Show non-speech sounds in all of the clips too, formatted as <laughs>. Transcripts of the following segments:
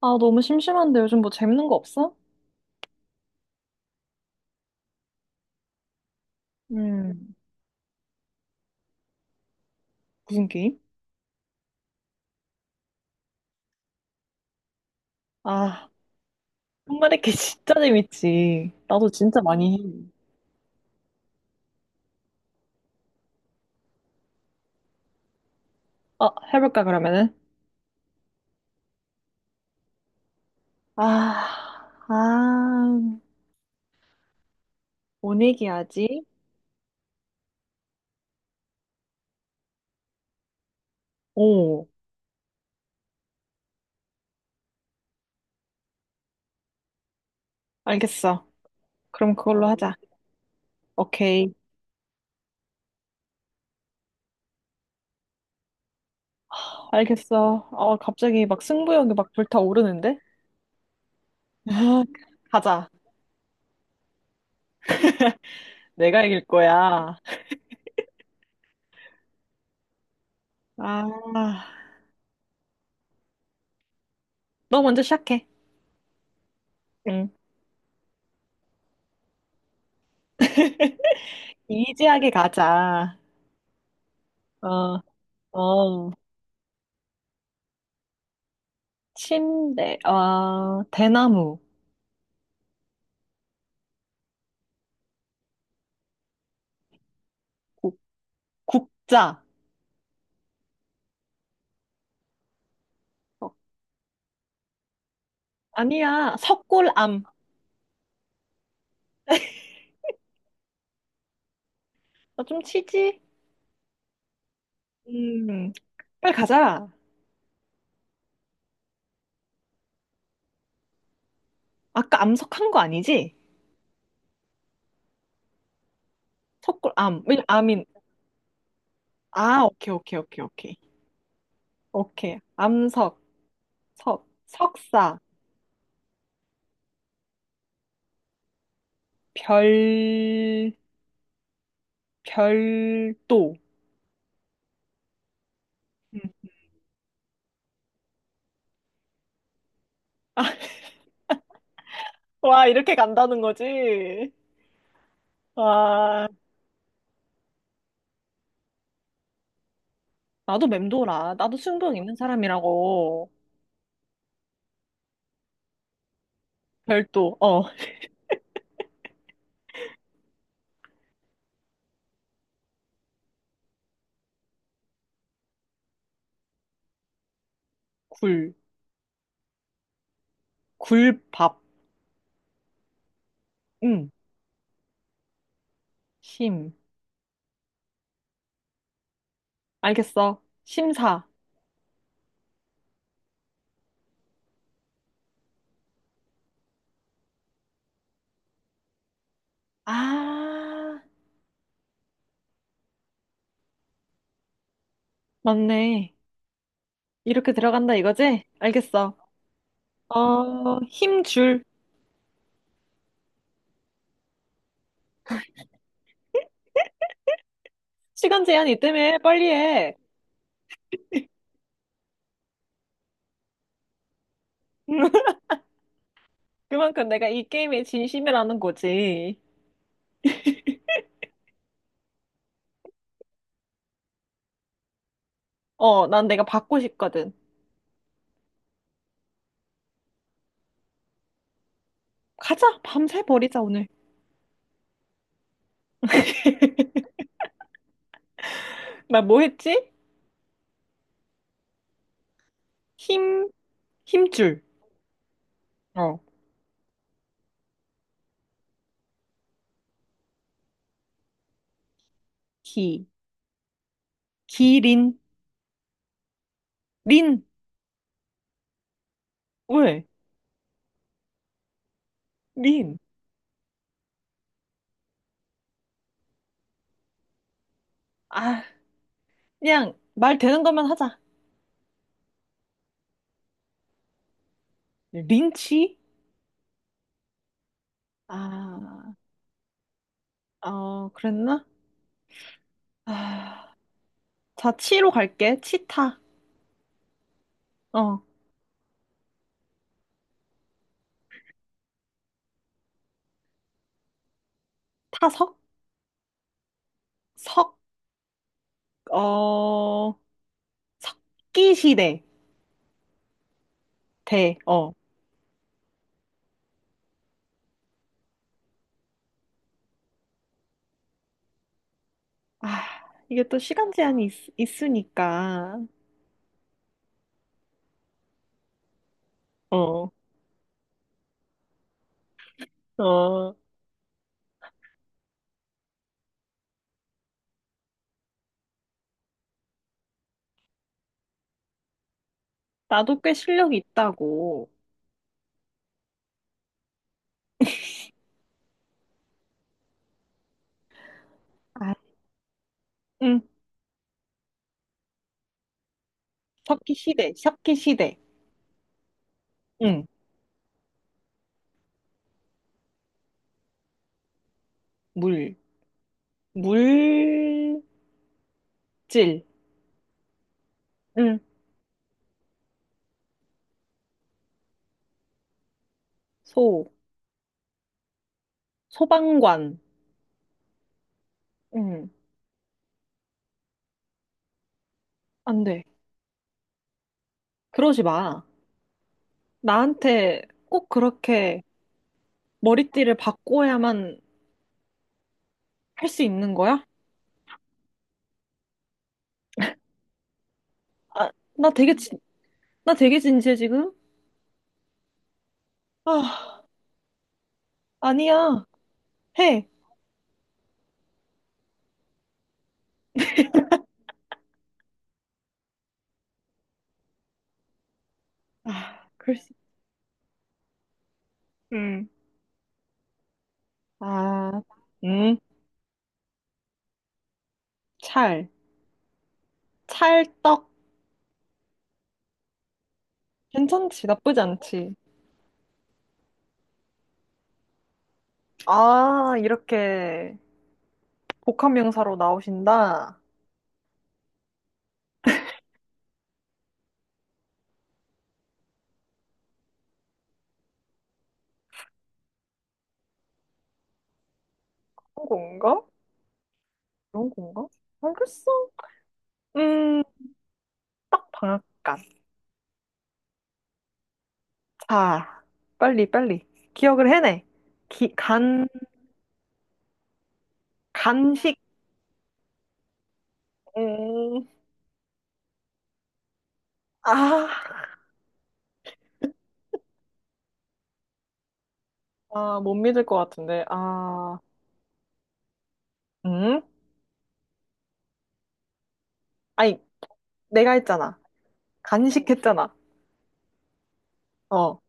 아, 너무 심심한데 요즘 뭐 재밌는 거 없어? 음. 무슨 게임? 아, 손가리게 <laughs> 진짜 재밌지. 나도 진짜 많이 해. 아, 해볼까, 그러면은? 아, 아, 뭔 얘기하지? 오, 알겠어. 그럼 그걸로 하자. 오케이. 알겠어. 아, 갑자기 막 승부욕이 막 불타오르는데? 아, <laughs> 가자. 내가 이길 거야. 아, 너 먼저 시작해. 응. 이지하게 가자. 어, 어. 침대, 아, 대나무, 국, 국자. 어, 아니야, 석굴암. 나 좀 치지? 음, 빨리 가자. 아까 암석한 거 아니지? 석굴암. 왜냐, 암인. 아, 오케이, 오케이, 오케이, 오케이. 오케이. 암석, 석, 석사, 별, 별도. 음. 와, 이렇게 간다는 거지? 와, 나도 맴돌아. 나도 승부욕 있는 사람이라고. 별도, 어, 굴, 굴밥. 음. 심. 알겠어. 심사. 아, 맞네. 이렇게 들어간다 이거지? 알겠어. 어, 힘줄. 시간 제한이 있다며. 빨리 해. <laughs> 그만큼 내가 이 게임에 진심이라는 거지. 어, 난 내가 받고 싶거든. 가자. 밤새 버리자, 오늘. 나 뭐 했지? 힘, 힘줄. 어. 기, 기린. 린. 왜? 린. 아, 그냥 말 되는 것만 하자. 린치? 아. 어, 그랬나? 아, 자, 치로 갈게. 치타. 어, 타석? 석, 어, 석기시대. 대, 어. 아, 이게 또 시간 제한이 있으니까. 어, 어. 나도 꽤 실력이 있다고. 아, 응. 석기시대, 석기시대. 응. 물, 물질. 응. 소, 소방관. 응. 안 돼. 그러지 마. 나한테 꼭 그렇게 머리띠를 바꿔야만 할 수 있는 거야? 아, 나 되게 진, 나 되게 진지해 지금? 아, 아니야. 해. 아, 글쎄. 음. 아, 음. 찰. 찰떡. 괜찮지. 나쁘지 않지. 아, 이렇게 복합 명사로 나오신다. 그런 건가? 그런 건가? 알겠어. 음, 딱 방앗간. 자, 빨리 빨리. 기억을 해내. 기, 간, 간식. 음. 아. 아, 못 믿을 것 같은데. 아, 음? 아니, 내가 했잖아. 간식했잖아. 어,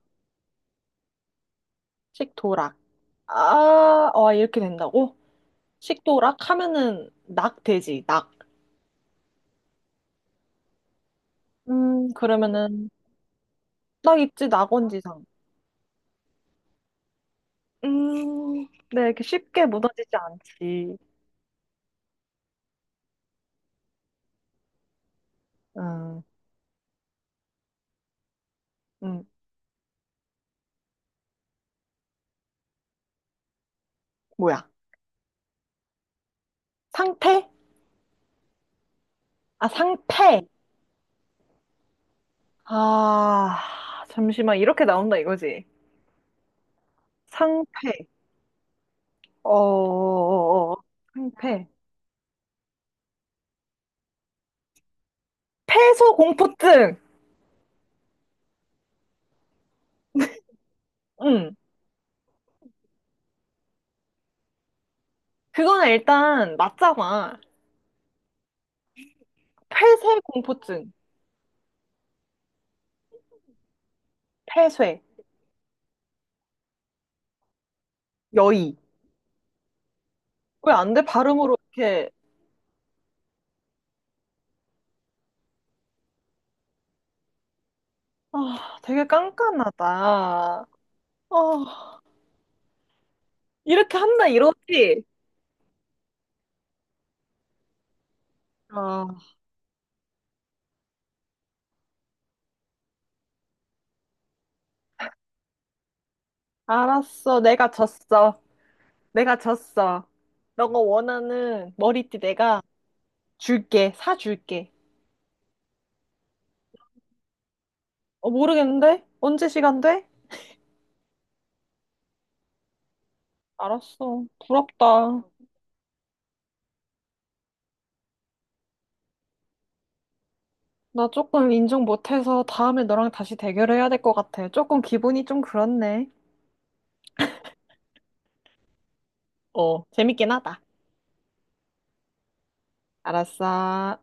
식도락. 아, 와, 이렇게 된다고? 식도락 하면은 낙 되지, 낙. 그러면은 낙 있지, 낙원지상. 음, 네, 이렇게 쉽게 무너지지 않지. 음, 음, 뭐야? 상태? 아, 상패. 아, 잠시만, 이렇게 나온다 이거지. 상패. 어, 어, 어, 어. 어. 상패. 폐소 공포증. 응. 그거는 일단 맞잖아. 폐쇄 공포증. 폐쇄. 여의. 왜 안 돼? 발음으로 이렇게. 아, 되게 깐깐하다. 아, 이렇게 한다 이러지? 아, 알았어. 내가 졌어. 내가 졌어. 너가 원하는 머리띠 내가 줄게. 사줄게. 어, 모르겠는데? 언제 시간 돼? 알았어. 부럽다. 나 조금 인정 못해서 다음에 너랑 다시 대결해야 될 것 같아. 조금 기분이 좀 그렇네. 어, 재밌긴 하다. 알았어.